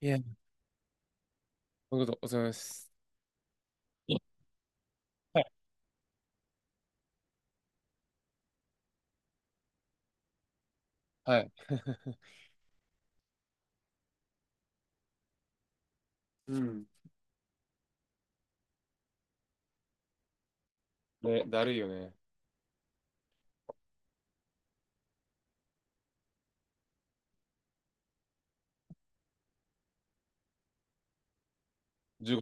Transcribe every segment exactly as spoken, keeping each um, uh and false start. いや、そこと、お疲れ様です。はい。はい うん。ね、だるいよね。15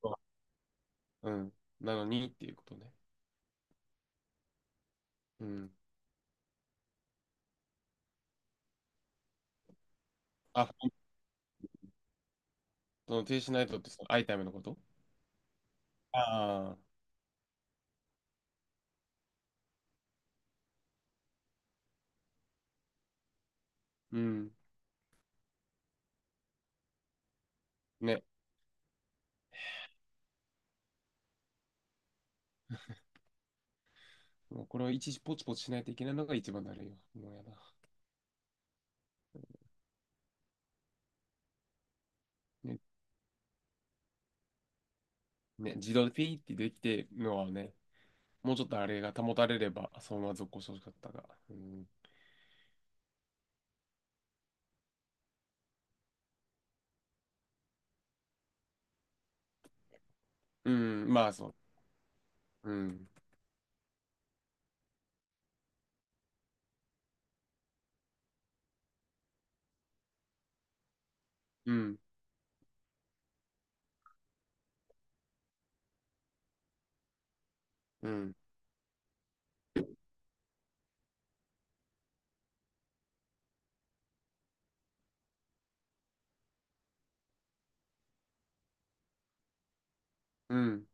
分。うん。なのにっていうことね。うん。あ、その停止しないとってその、アイタイムのこと、ああー。うん。ね。もうこれを一時ポチポチしないといけないのが一番だるいよ。もうやだ。ね、ね、自動でピーってできてるのはね、もうちょっとあれが保たれれば、そのまま続行してほしかったが。うん。うん、まあそう。うん。うん。うん。うん。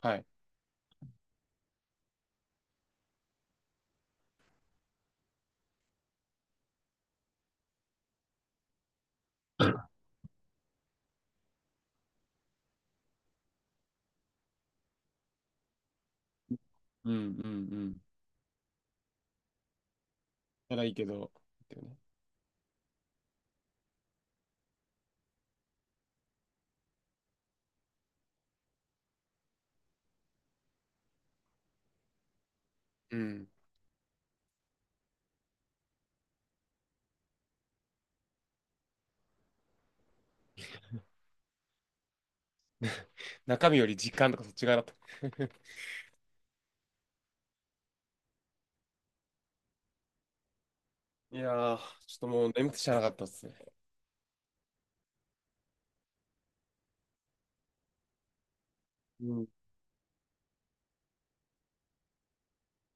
はい。うんうんうん、ならいいけど、っていうね。うん。中身より実感とかそっち側だった。いやー、ちょっともう眠くてしゃあなかったっすね。うん。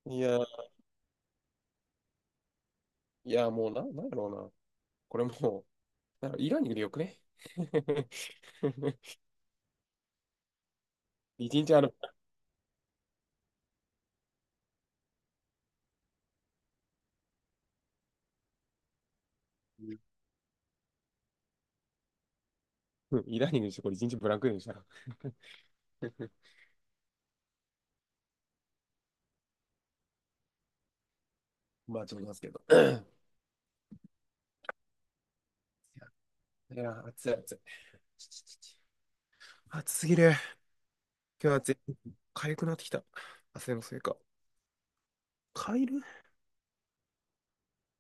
いやー、いやーもうな、なんやろうな。これもう、なんかイラーニングでよくね。一日あの、うん、イラーニングにしてこれ一日ブランクでしたら。まあちょっといますけど。いやー、いや暑い暑い。暑すぎる。今日暑い。痒くなってきた。汗のせいか。痒いる、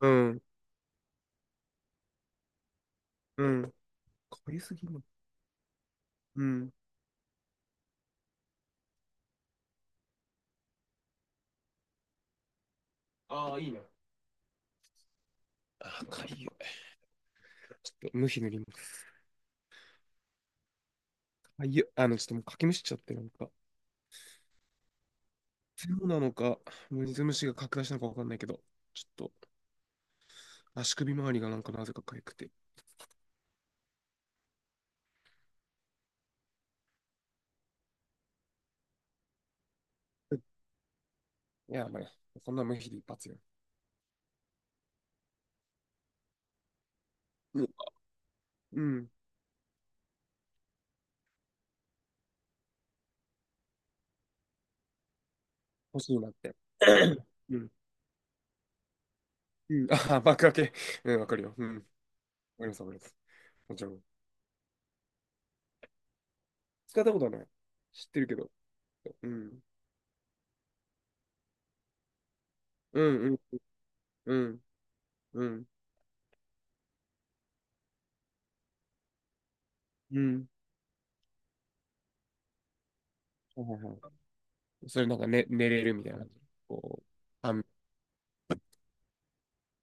うん。うん。痒すぎる。うん。ああ、いいね。あ、かゆい。ちょっと、無比塗ります。かゆい。あの、ちょっともうかきむしっちゃって、なんか。そうなのか、水虫が拡大したのかわかんないけど、ちょっと、足首周りがなんかなぜかかゆくて。うん、いや、まあね、そんな無比で一発よ。うん、うん、欲しいなって。うん、うん、ああ、爆開け。うん、わかるよ。うん、わかります、わかります。もちろん。使ったことはない。知ってるけど。うん、うん、うん、うん、うん、うん。はいはいはい、それなんか、ね、寝れるみたいな。こう、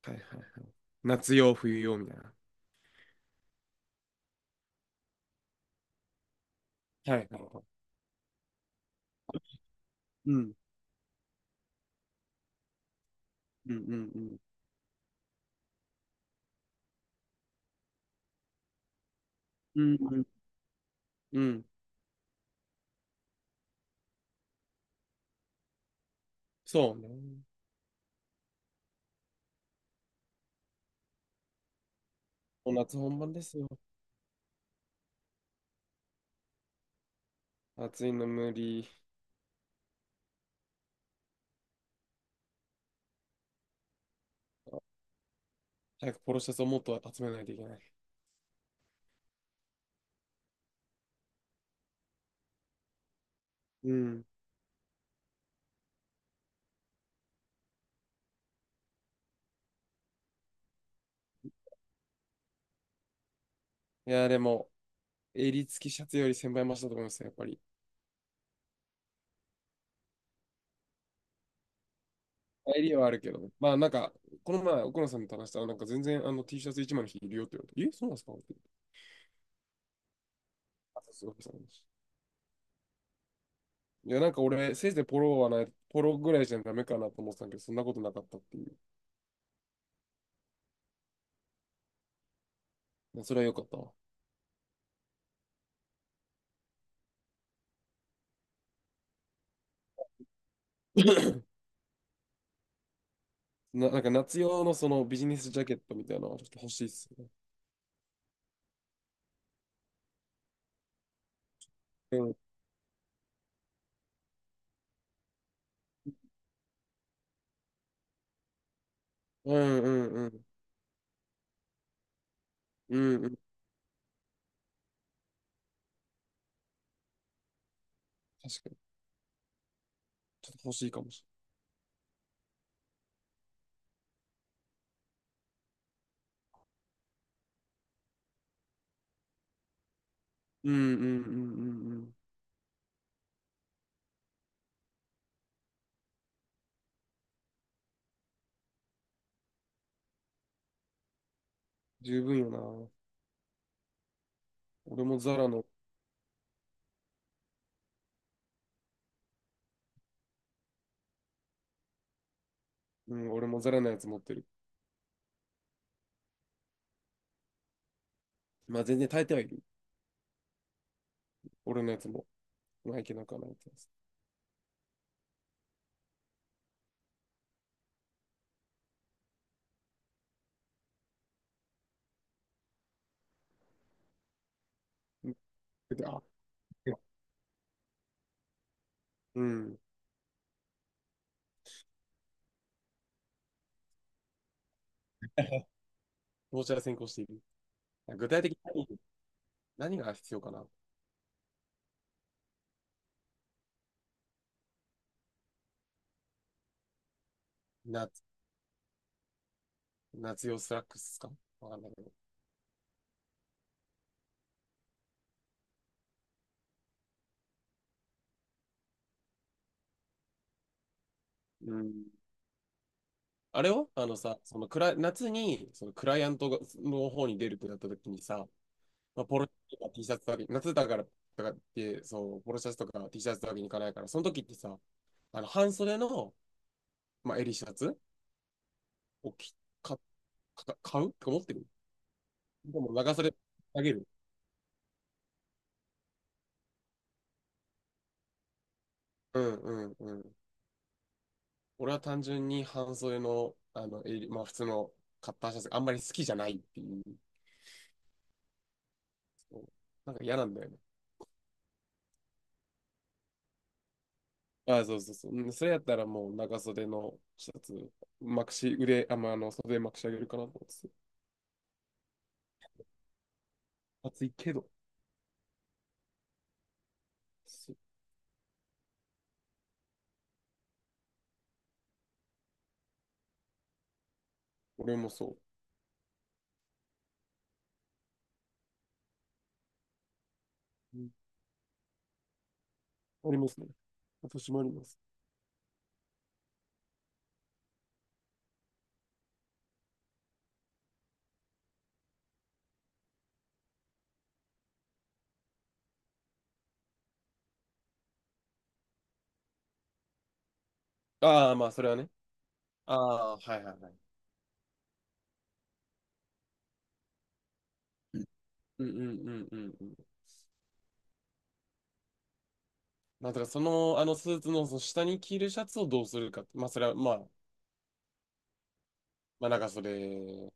はいはいはい。夏用、冬用みたいな。はいはいはい。うん。うんうんうん。うんうん。うん。そうね。もう夏本番ですよ。暑いの無理。早くポロシャツをもっと集めないといけない。うん。いや、でも、襟付きシャツより先輩れい ぜろばいだと思いますよ、やっぱり。襟はあるけど。まあ、なんか、この前、奥野さんと話したら、なんか全然あの T シャツ一枚の日いるよって言われて、え、そうなんですかって。あ、そうそうそう。いや、なんか俺、せいぜいポロはない、ポロぐらいじゃダメかなと思ってたんだけど、そんなことなかったっていう。それは良かったわ。な、なんか夏用のそのビジネスジャケットみたいなのはちょっと欲しいっすね。うん。うんうんうん。うんうん。確かに。ちょっと欲しいかもしれない。うんうんうんうんうん。十分よな。俺もザラの、うん、俺もザラのやつ持ってる。まあ全然耐えてはいる。俺のやつも。まあいけなくはないってやつ。うん、あ、うん。どちら先行している。具体的に何何が必要かな。夏、夏用スラックスかわかんないけど。うん。あれをあのさ、そのクラ、夏にそのクライアントがの方に出るってなった時にさ、まあ、ポロシャツとか T シャツだけ、夏だからとかって、そう、ポロシャツとか T シャツだけに行かないから、その時ってさ、あの半袖の、まあ、襟シャツをきか、か買うとて思ってる。でも長袖あげる。うんうんうん。俺は単純に半袖の、あの襟、まあ、普通のカッターシャツがあんまり好きじゃないっていう、そう、なんか嫌なんだよね。あ、そうそうそう。うん、それやったらもう長袖のシャツ、まくし、腕、あ、まあ、あの、袖まくし上げるかなと思ってて。暑いけど。そう。俺もそう。うん、ありますね。私もあります。ああ、まあ、それはね。ああ、はいはいはい。うんうんうんうんうん。まあ、だからその、あのスーツの、その下に着るシャツをどうするかって。まあ、それは、まあ、まあ、長袖。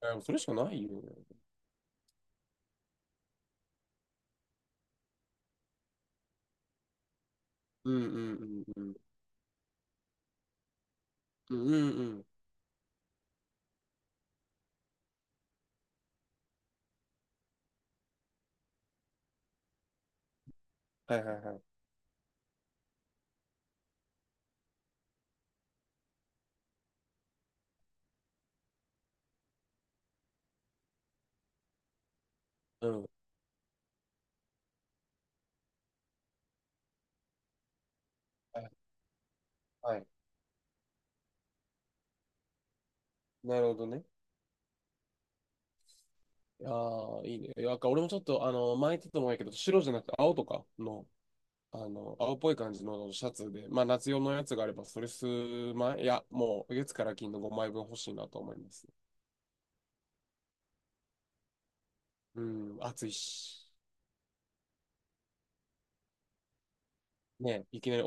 あ、それしかないよね。うんうんうんうん。うんうんうん。はいはいはい。うん。はいはい。なるほどね。いやー、いいね。なんか俺もちょっと、あの、前言ってたと思うんやけど、白じゃなくて青とかの、あの、青っぽい感じのシャツで、まあ夏用のやつがあれば、それ数枚、いや、もう月から金のごまいぶん欲しいなと思います。うん、暑いし。ね、いきなり